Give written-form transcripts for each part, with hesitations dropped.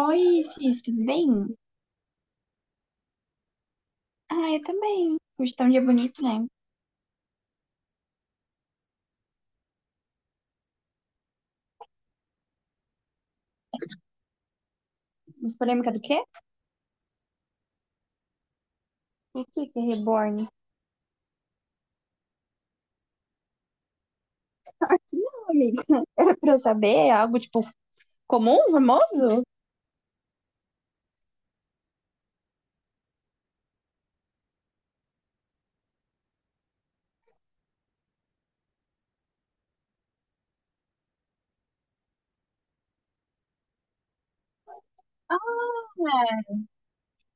Oi, Cis, tudo bem? Ah, eu também. Hoje tá um dia bonito, né? Mas polêmica do quê? O que que é reborn? Não, amiga. Pra eu saber, é algo, tipo, comum, famoso?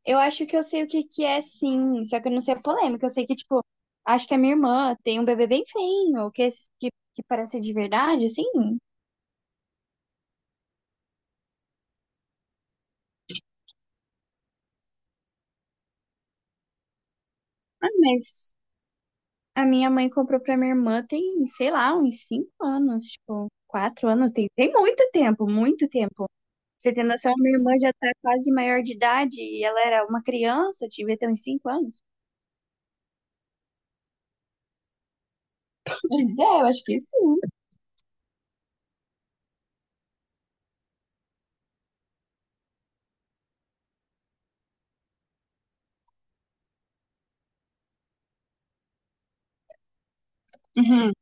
Eu acho que eu sei o que que é, sim, só que eu não sei a polêmica. Eu sei que, tipo, acho que a minha irmã tem um bebê bem feio, que, que parece de verdade, assim. Ah, mas a minha mãe comprou pra minha irmã tem, sei lá, uns cinco anos, tipo, quatro anos. Tem muito tempo, muito tempo. Você tem noção, minha irmã já tá quase maior de idade e ela era uma criança, devia ter uns cinco anos. Pois é, eu acho que sim. Uhum.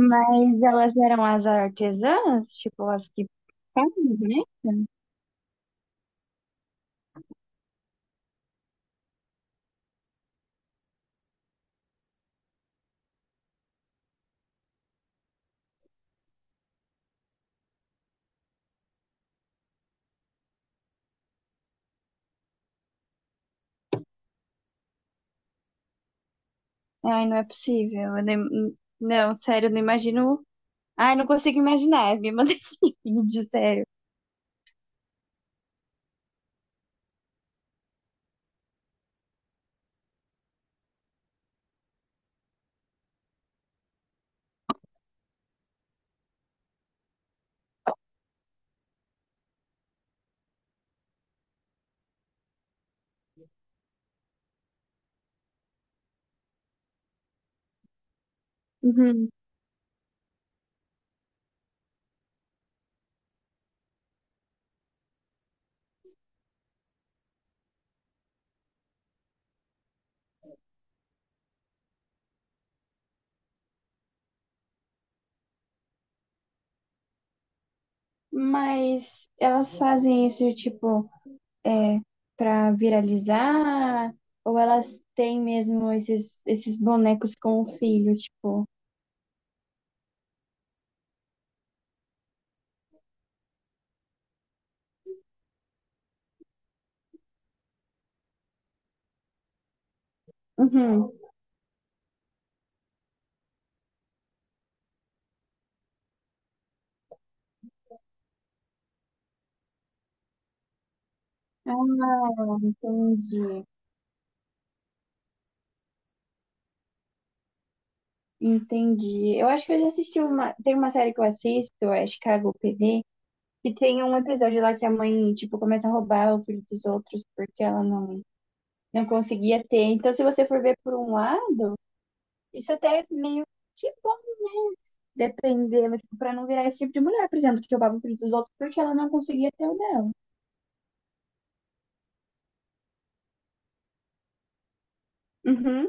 Mas elas eram as artesãs, tipo, as que fazem boneca? Ai, não é possível. Eu nem- Não, sério, eu não imagino. Ai, não consigo imaginar, me mandei vídeo, sério. Uhum. Mas elas fazem isso, tipo, é, pra viralizar? Ou elas têm mesmo esses, esses bonecos com o filho, tipo. Uhum. Ah, entendi. Entendi. Eu acho que eu já assisti uma. Tem uma série que eu assisto, é Chicago PD, e tem um episódio lá que a mãe, tipo, começa a roubar o filho dos outros porque ela não, não conseguia ter. Então, se você for ver por um lado, isso até é meio que bom, dependendo, tipo, pra não virar esse tipo de mulher, por exemplo, que roubava o filho dos outros porque ela não conseguia ter o dela. Uhum.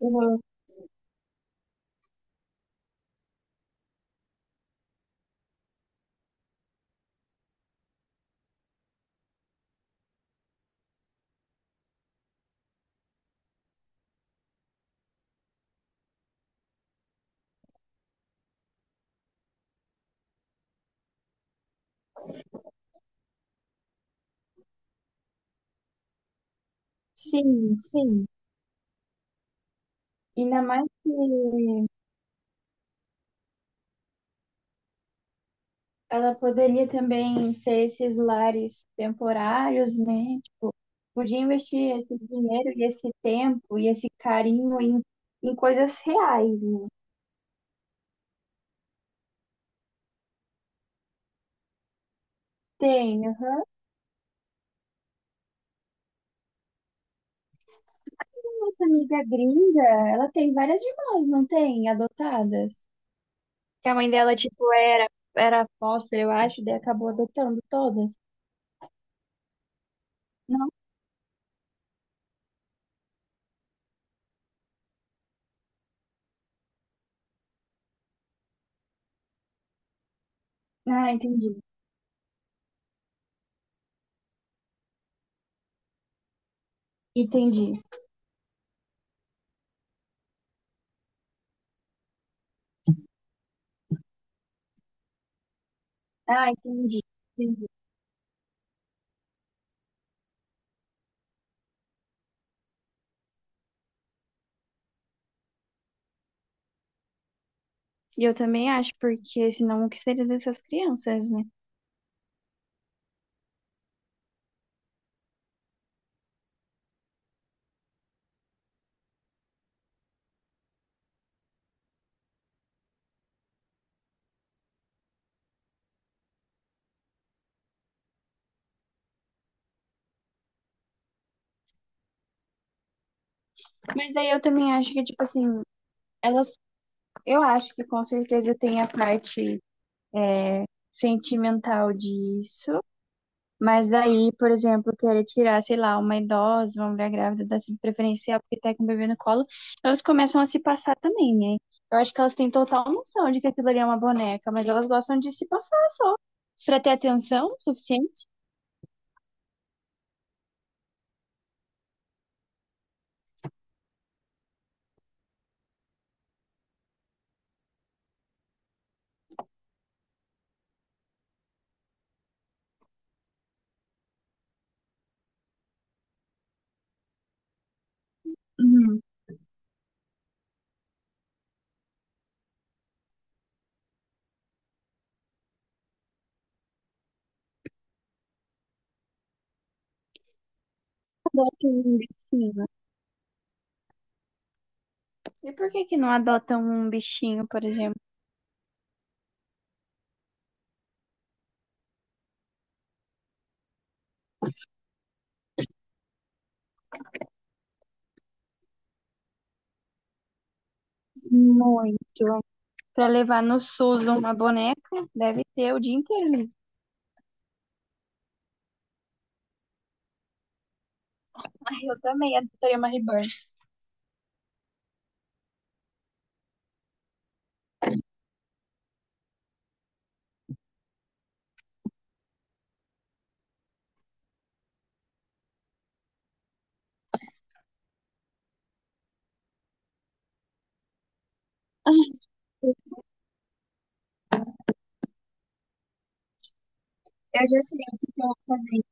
Uhum. Sim, sim. Ainda mais que ela poderia também ser esses lares temporários, né? Tipo, podia investir esse dinheiro e esse tempo e esse carinho em, em coisas reais, né? Tem. Aham. Nossa amiga gringa, ela tem várias irmãs, não tem? Adotadas. Que a mãe dela, tipo, era, era foster, eu acho, daí acabou adotando todas. Não? Ah, entendi. Entendi. Ah, entendi. Entendi. E eu também acho, porque senão o que seria dessas crianças, né? Mas daí eu também acho que, tipo assim, elas, eu acho que com certeza tem a parte sentimental disso, mas daí, por exemplo, querer tirar, sei lá, uma idosa, uma mulher grávida da assim, preferencial porque tá com o bebê no colo, elas começam a se passar também, né? Eu acho que elas têm total noção de que aquilo ali é uma boneca, mas elas gostam de se passar só, pra ter atenção suficiente. Uhum. Adotam um bichinho. E por que que não adotam um bichinho, por exemplo? Muito. Para levar no SUS uma boneca, deve ter o dia inteiro ali. Ai, eu também adoraria uma Reborn. Eu já sei o que que eu vou fazer.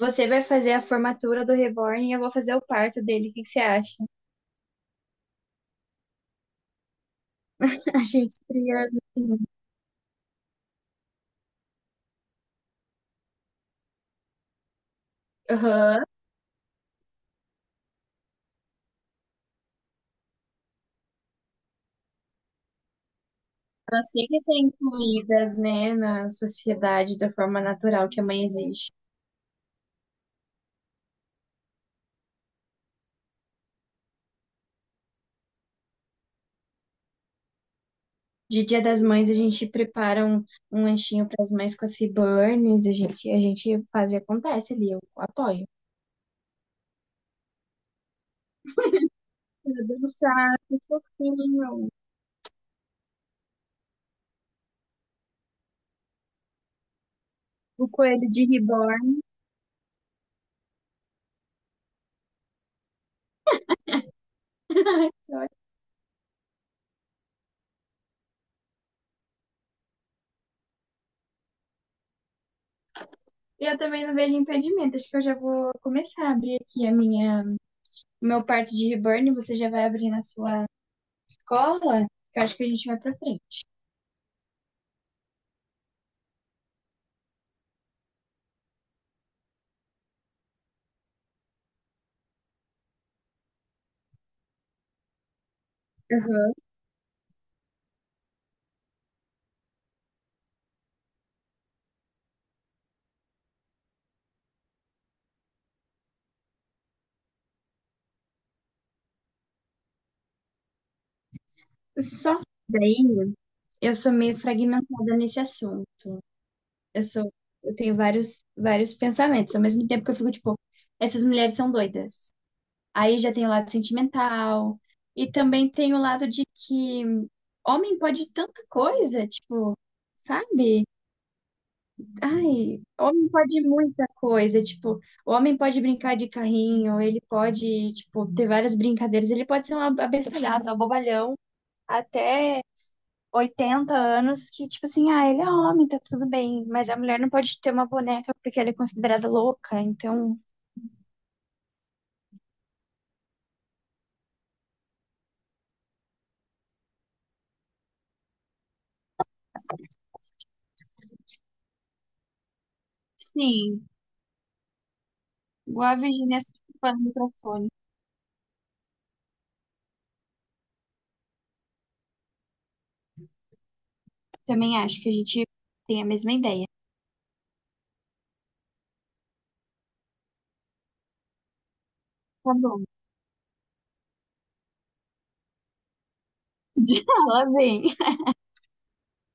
Você vai fazer a formatura do Reborn e eu vou fazer o parto dele. O que que você acha? A gente cria. Assim, aham. Elas têm que ser incluídas, né, na sociedade da forma natural que a mãe existe. De Dia das Mães, a gente prepara um, um lanchinho para as mães com as Reborns. A gente faz e acontece ali. Eu apoio. Meu Deus do céu, que fofinho. O coelho de Reborn. Olha, eu também não vejo impedimento. Acho que eu já vou começar a abrir aqui a minha, o meu parte de reborn. Você já vai abrir na sua escola. Eu acho que a gente vai pra frente. Uhum. Só que daí eu sou meio fragmentada nesse assunto. Eu sou, eu tenho vários, vários pensamentos. Ao mesmo tempo que eu fico tipo, essas mulheres são doidas. Aí já tem o lado sentimental e também tem o lado de que homem pode tanta coisa, tipo, sabe? Ai, homem pode muita coisa, tipo, o homem pode brincar de carrinho, ele pode, tipo, ter várias brincadeiras, ele pode ser um abestalhado, um bobalhão, até 80 anos, que, tipo assim, ah, ele é homem, tá tudo bem, mas a mulher não pode ter uma boneca porque ela é considerada louca, então, sim, igual a Virginia falando no microfone. Também acho que a gente tem a mesma ideia. Tá bom. Fala vem